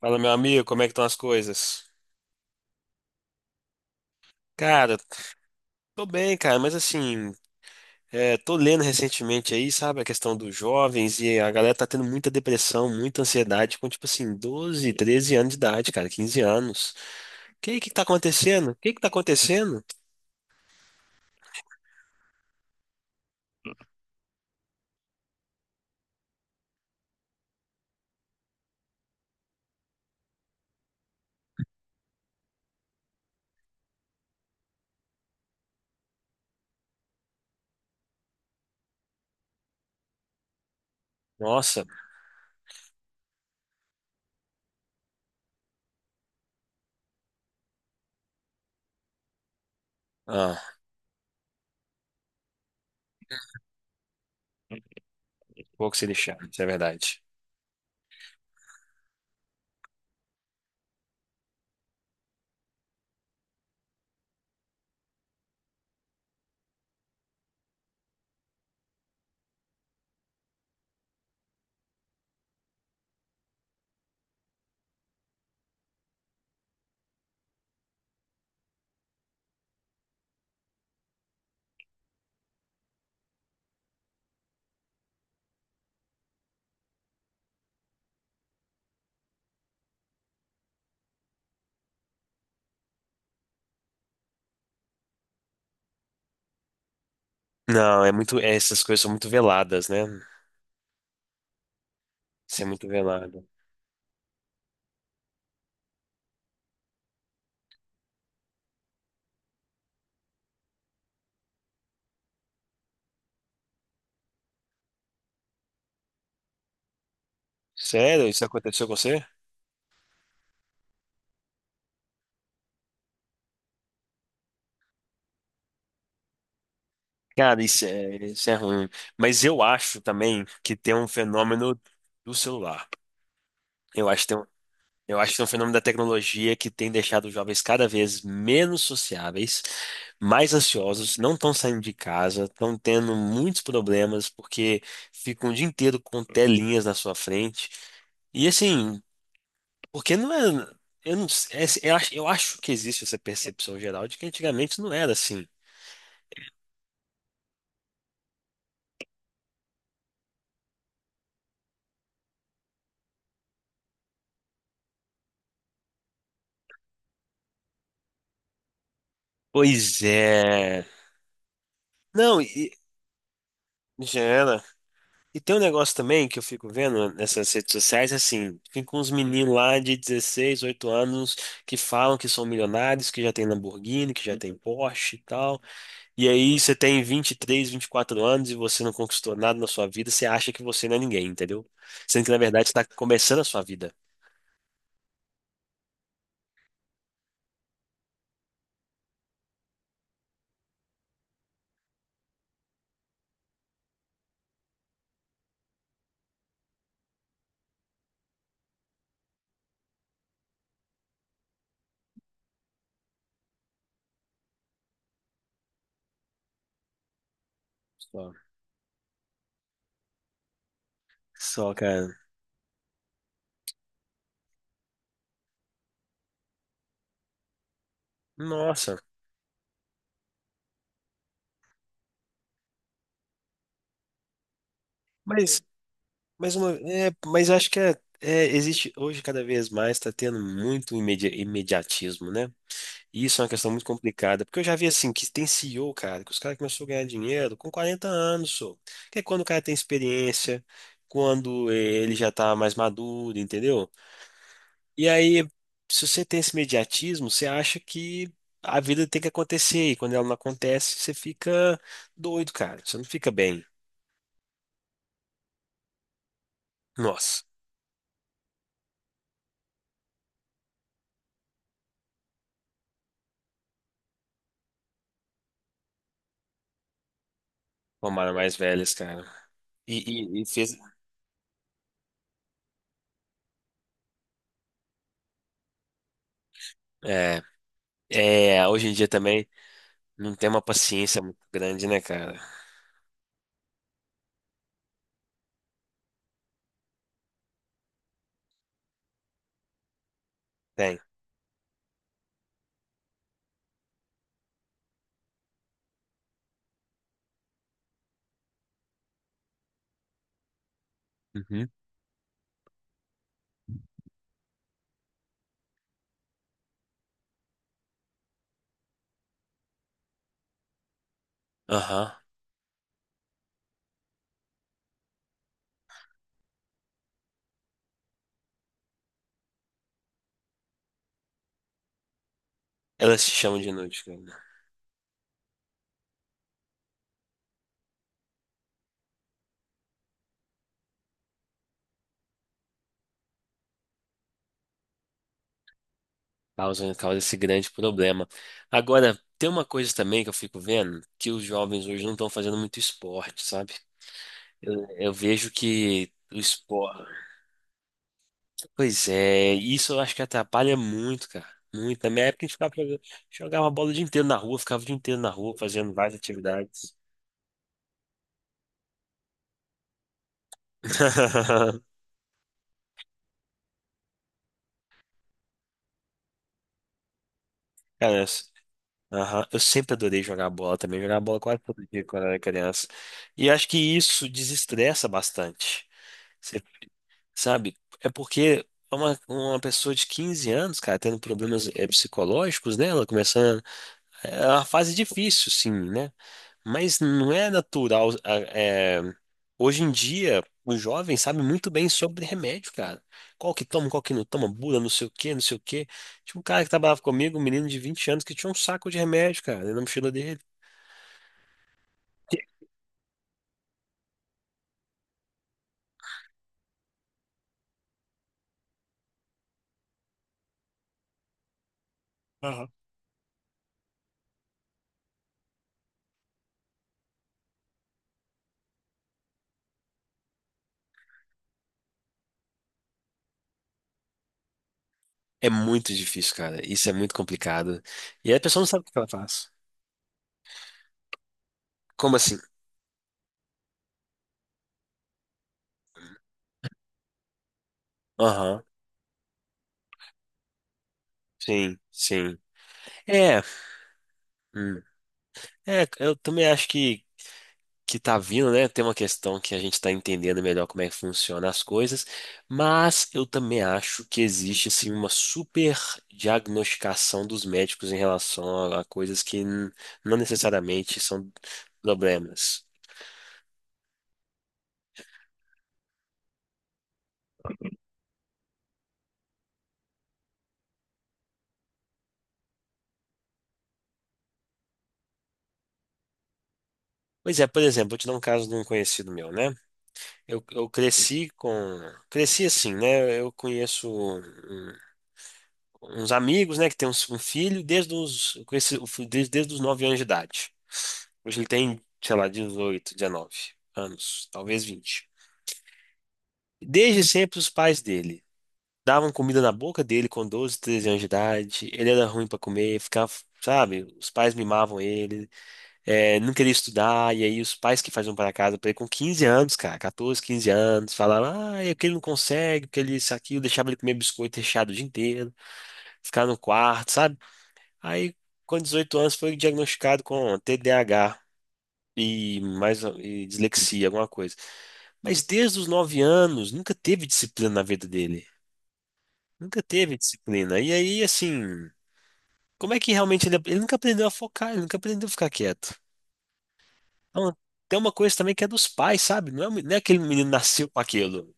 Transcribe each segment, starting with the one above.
Fala, meu amigo, como é que estão as coisas? Cara, tô bem, cara, mas assim, é, tô lendo recentemente aí, sabe, a questão dos jovens e a galera tá tendo muita depressão, muita ansiedade com, tipo assim, 12, 13 anos de idade, cara, 15 anos. Que tá acontecendo? O que que tá acontecendo? Nossa, ah, pouco se lixar, isso é verdade. Não, é muito, essas coisas são muito veladas, né? Isso é muito velado. Sério? Isso aconteceu com você? Cara, isso é ruim. Mas eu acho também que tem um fenômeno do celular. Eu acho que tem um, eu acho que tem um fenômeno da tecnologia que tem deixado os jovens cada vez menos sociáveis, mais ansiosos, não estão saindo de casa, estão tendo muitos problemas porque ficam o dia inteiro com telinhas na sua frente. E assim, porque não é. Eu, não, sei- é- eu acho que existe essa percepção geral de que antigamente não era assim. Pois é. Não, e, já era. E tem um negócio também que eu fico vendo nessas redes sociais, assim, fica uns meninos lá de 16 8 anos que falam que são milionários, que já tem Lamborghini, que já tem Porsche e tal. E aí você tem 20 23 24 anos e você não conquistou nada na sua vida, você acha que você não é ninguém, entendeu? Sendo que na verdade você tá começando a sua vida. Só, só, cara. Nossa. Mas, mas acho que existe hoje cada vez mais, tá tendo muito imediatismo, né? Isso é uma questão muito complicada, porque eu já vi assim que tem CEO, cara, que os caras começaram a ganhar dinheiro com 40 anos, só. Que é quando o cara tem experiência, quando ele já tá mais maduro, entendeu? E aí, se você tem esse mediatismo, você acha que a vida tem que acontecer, e quando ela não acontece, você fica doido, cara. Você não fica bem. Nossa, tomaram mais velhas, cara. E, e fez. É, é, hoje em dia também não tem uma paciência muito grande, né, cara? Tem. Uhum. Aham. Elas se chamam de nudes, cara. Causam, causa esse grande problema. Agora, tem uma coisa também que eu fico vendo, que os jovens hoje não estão fazendo muito esporte, sabe? Eu vejo que o esporte. Pois é, isso eu acho que atrapalha muito, cara. Muito. Na minha época a gente ficava jogando, jogava bola o dia inteiro na rua, ficava o dia inteiro na rua fazendo várias atividades. Cara, aham. Eu sempre adorei jogar bola também, jogar bola quase todo dia quando eu era criança. E acho que isso desestressa bastante. Sabe? É porque é uma pessoa de 15 anos, cara, tendo problemas psicológicos, né? Ela começando. É uma fase difícil, sim, né? Mas não é natural. Hoje em dia, o jovem sabe muito bem sobre remédio, cara. Qual que toma, qual que não toma, bula, não sei o quê, não sei o quê. Tinha um cara que trabalhava comigo, um menino de 20 anos, que tinha um saco de remédio, cara, na mochila dele. Aham. É muito difícil, cara. Isso é muito complicado. E aí a pessoa não sabe o que ela faz. Como assim? Aham. Sim, sim. É, hum. É, eu também acho que, tá vindo, né? Tem uma questão que a gente tá entendendo melhor como é que funciona as coisas, mas eu também acho que existe, assim, uma super diagnosticação dos médicos em relação a coisas que não necessariamente são problemas. Pois é, por exemplo, vou te dar um caso de um conhecido meu, né? Eu cresci com... Cresci assim, né? Eu conheço um, uns amigos, né, que tem um filho desde os, com esse, o filho desde os 9 anos de idade. Hoje ele tem, sei lá, 18 19 anos, talvez 20. Desde sempre os pais dele davam comida na boca dele com 12 13 anos de idade. Ele era ruim para comer, ficava, sabe, os pais mimavam ele, é, não queria estudar, e aí os pais que faziam para casa para ele com 15 anos, cara, 14 15 anos, falavam, ah, é que ele não consegue, porque ele isso aqui, eu deixava ele comer biscoito recheado o dia inteiro, ficar no quarto, sabe? Aí, com 18 anos, foi diagnosticado com TDAH e mais e dislexia, alguma coisa. Mas desde os 9 anos, nunca teve disciplina na vida dele. Nunca teve disciplina. E aí, assim, como é que realmente ele, nunca aprendeu a focar, ele nunca aprendeu a ficar quieto. Então, tem uma coisa também que é dos pais, sabe? Não é, não é aquele menino que nasceu com aquilo.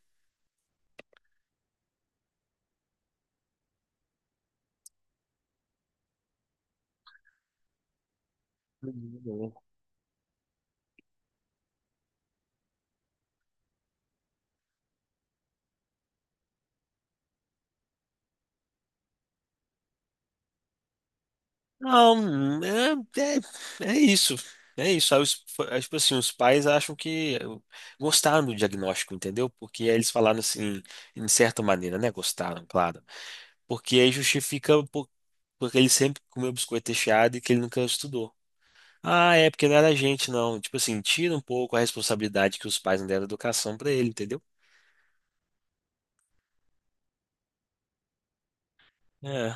Não, é isso. É isso. Aí, tipo assim, os pais acham que gostaram do diagnóstico, entendeu? Porque aí eles falaram assim, em certa maneira, né? Gostaram, claro. Porque aí justifica porque ele sempre comeu biscoito recheado e que ele nunca estudou. Ah, é porque não era gente, não. Tipo assim, tira um pouco a responsabilidade que os pais não deram educação pra ele, entendeu? É,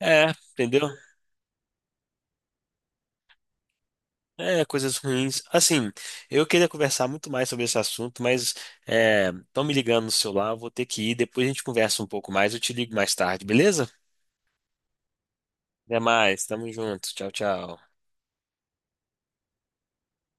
é, entendeu? É, coisas ruins. Assim, eu queria conversar muito mais sobre esse assunto, mas estão me ligando no celular, eu vou ter que ir. Depois a gente conversa um pouco mais, eu te ligo mais tarde, beleza? Até mais, tamo junto. Tchau, tchau.